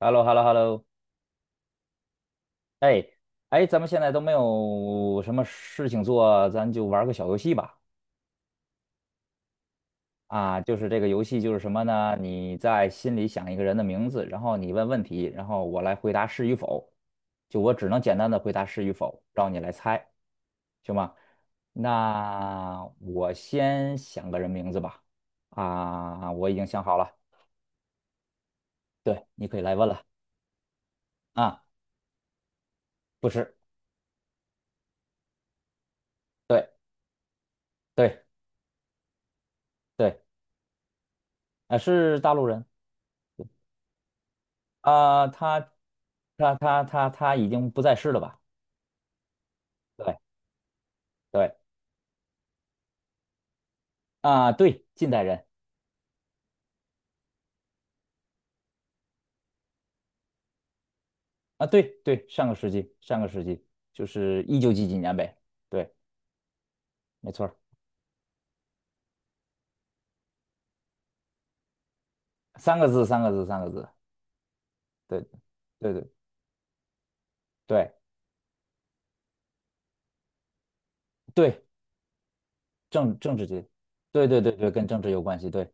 h e l l o h e l l o h e l l o 哎哎，咱们现在都没有什么事情做，咱就玩个小游戏吧。啊，就是这个游戏就是什么呢？你在心里想一个人的名字，然后你问问题，然后我来回答是与否。就我只能简单的回答是与否，让你来猜，行吗？那我先想个人名字吧。啊，我已经想好了，对，你可以来问了。啊，不是，对对对，啊，是大陆人。啊、他已经不在世了吧？对对啊、对，近代人啊，对对，上个世纪上个世纪就是一九几几年呗，对，没错儿，三个字三个字三个字，对对对对对，政治界，对对对对，跟政治有关系，对，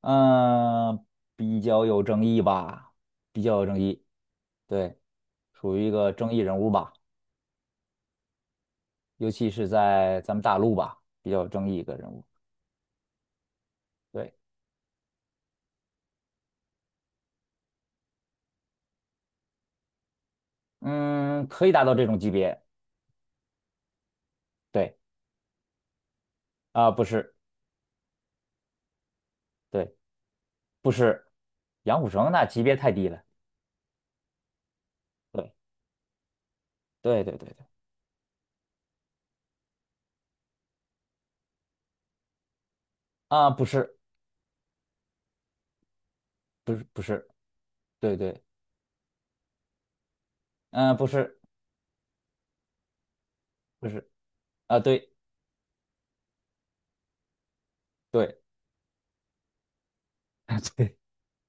嗯、比较有争议吧，比较有争议，对，属于一个争议人物吧，尤其是在咱们大陆吧，比较有争议一个人物。对。嗯，可以达到这种级别。对，啊、不是，对，不是，杨虎城那级别太低了。对，对，对，对，对，啊、不是，不是，不是，对对，嗯、不是，不是，啊、对，对，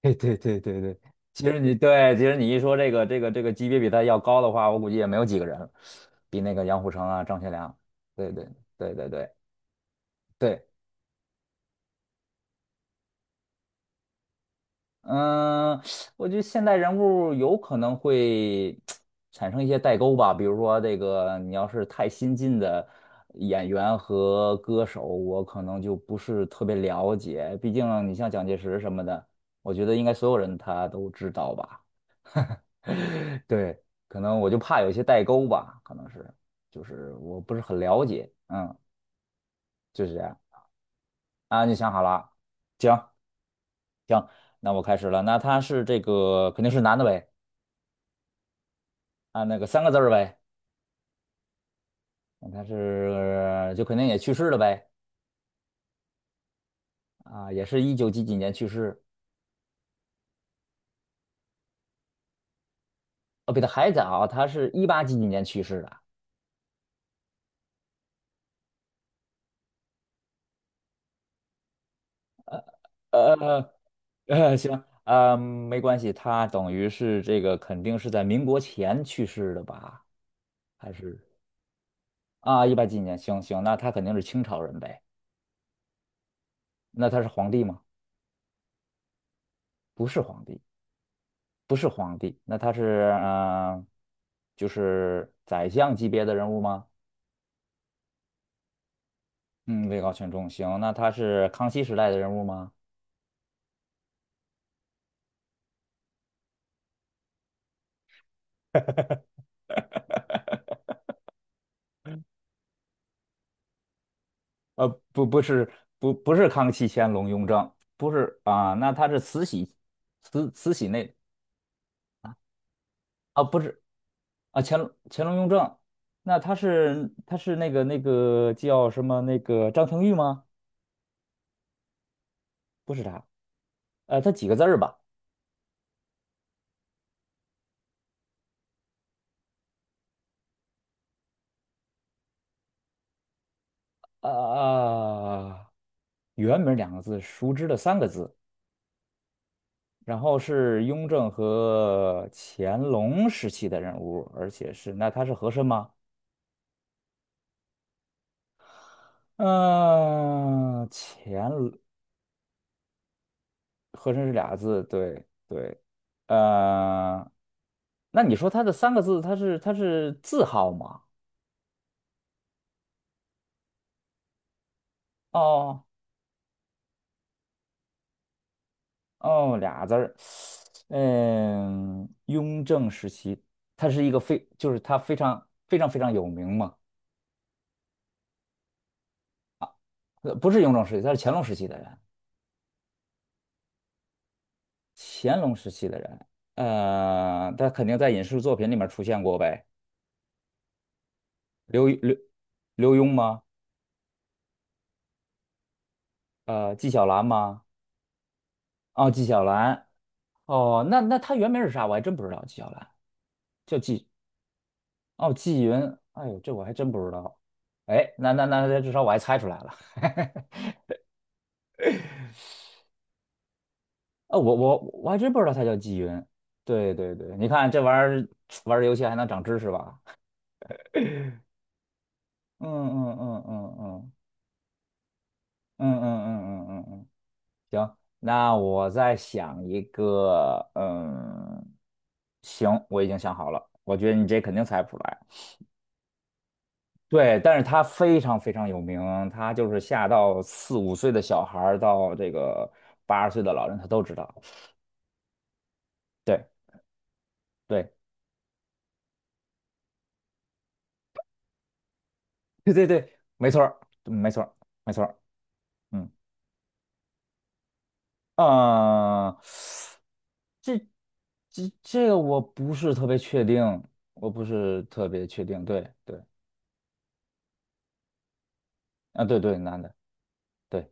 对，对，对，对，对，对。其实你对，其实你一说这个级别比他要高的话，我估计也没有几个人了，比那个杨虎城啊、张学良。对，对，对，对，对，对。嗯，我觉得现代人物有可能会产生一些代沟吧，比如说这个，你要是太新进的演员和歌手，我可能就不是特别了解。毕竟你像蒋介石什么的，我觉得应该所有人他都知道吧。对，可能我就怕有一些代沟吧，可能是，就是我不是很了解。嗯，就是这样。啊，你想好了？行行，那我开始了。那他是这个肯定是男的呗。啊，那个三个字儿呗，他是就肯定也去世了呗，啊，也是一九几几年去世，哦，比他还早，他是一八几几年去世的，呃行，没关系，他等于是这个肯定是在民国前去世的吧？还是啊，一八几几年，行行，那他肯定是清朝人呗，那他是皇帝吗？不是皇帝，不是皇帝，那他是呃就是宰相级别的人物吗？嗯，位高权重，行，那他是康熙时代的人物吗？不，不是，不，不是康熙、乾隆、雍正，不是啊，那他是慈禧，慈禧那啊，不是啊，乾隆、雍正，那他是那个叫什么那个张廷玉吗？不是他，他几个字儿吧？啊、啊，原名两个字，熟知的三个字，然后是雍正和乾隆时期的人物，而且是那他是和珅吗？嗯、乾隆和珅是俩字，对对，呃，那你说他的三个字，他是字号吗？哦哦，俩字儿，嗯，雍正时期，他是一个非就是他非常非常非常有名嘛，不是雍正时期，他是乾隆时期的人。乾隆时期的人，他肯定在影视作品里面出现过呗。刘刘刘墉吗？纪晓岚吗？哦，纪晓岚。哦，那他原名是啥？我还真不知道。纪晓岚叫纪，哦，纪云。哎呦，这我还真不知道。哎，那，至少我还猜出来了。啊，我还真不知道他叫纪云。对对对，你看这玩意儿玩儿游戏还能长知识吧？嗯嗯嗯嗯嗯嗯嗯嗯嗯嗯嗯嗯。行，那我再想一个，嗯，行，我已经想好了，我觉得你这肯定猜不出来。对，但是他非常非常有名，他就是下到四五岁的小孩儿到这个80岁的老人，他都知道。对，对，对对对，没错儿嗯没错儿没错儿嗯，呃，这这个我不是特别确定，我不是特别确定。对对，啊，对对，男的，对，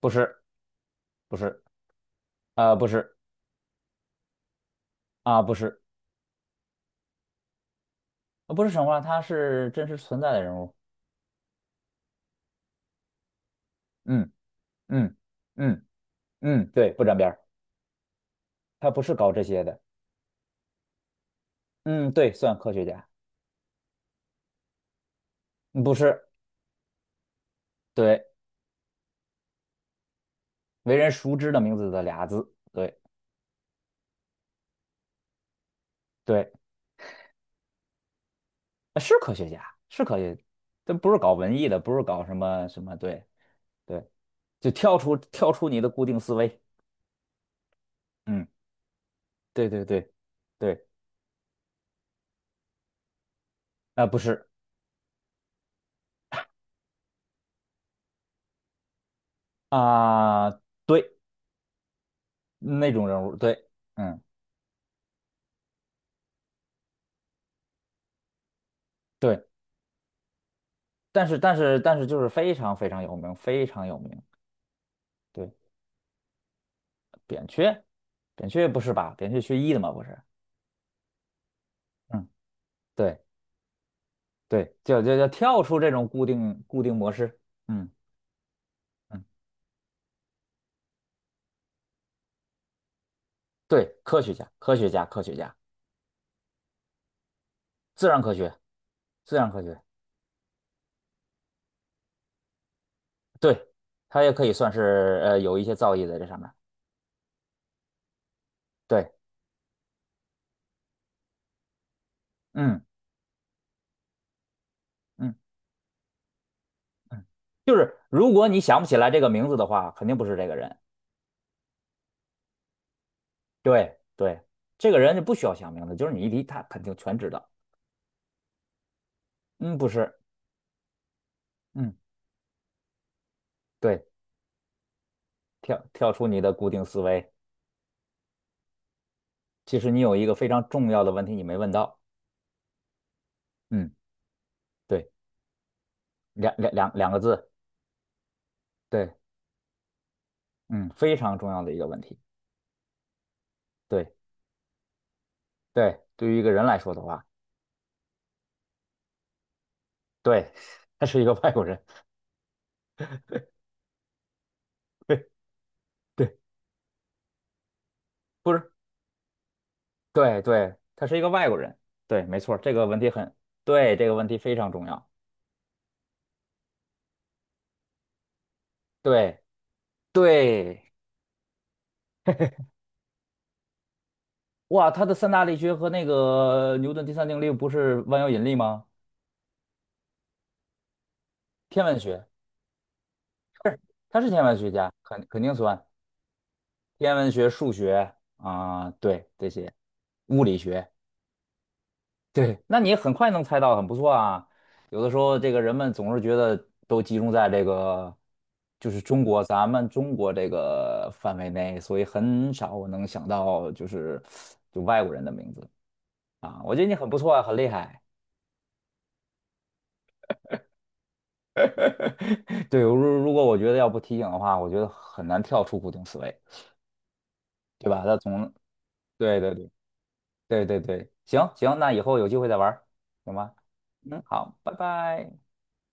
不是。不是，啊，不是，啊，不是，不是神话，他是真实存在的人物。嗯嗯嗯嗯，对，不沾边儿，他不是搞这些的。嗯，对，算科学家，嗯不是，对，为人熟知的名字的俩字，对对，是科学家，是科学，他不是搞文艺的，不是搞什么什么，对对，就跳出你的固定思维。嗯，对对对对，啊、不是啊、对，那种人物，对，嗯，对。但是就是非常非常有名，非常有名。对，扁鹊，扁鹊不是吧？扁鹊学医的嘛，不是？嗯，对对，就跳出这种固定模式。嗯嗯，对，科学家，科学家，科学家，自然科学，自然科学，对，他也可以算是有一些造诣在这上面。对，嗯嗯嗯，就是如果你想不起来这个名字的话，肯定不是这个人。对对，这个人就不需要想名字，就是你一提他肯定全知道。嗯，不是。嗯，对，跳出你的固定思维。其实你有一个非常重要的问题你没问到。嗯，对，两个字，对，嗯，非常重要的一个问题。对对，对于一个人来说的话，对，他是一个外国人。对对，不是，对对，他是一个外国人。对，没错，这个问题很，对，这个问题非常重要。对对，哇，他的三大力学和那个牛顿第三定律不是万有引力吗？天文学，他是天文学家，肯定算。天文学、数学啊、对这些物理学，对，那你很快能猜到，很不错啊。有的时候，这个人们总是觉得都集中在这个，就是咱们中国这个范围内，所以很少我能想到就是外国人的名字啊。我觉得你很不错啊，很厉害。对，如果我觉得要不提醒的话，我觉得很难跳出固定思维，对吧？对对对。对对对，行行，那以后有机会再玩儿行吗？嗯，好，拜拜。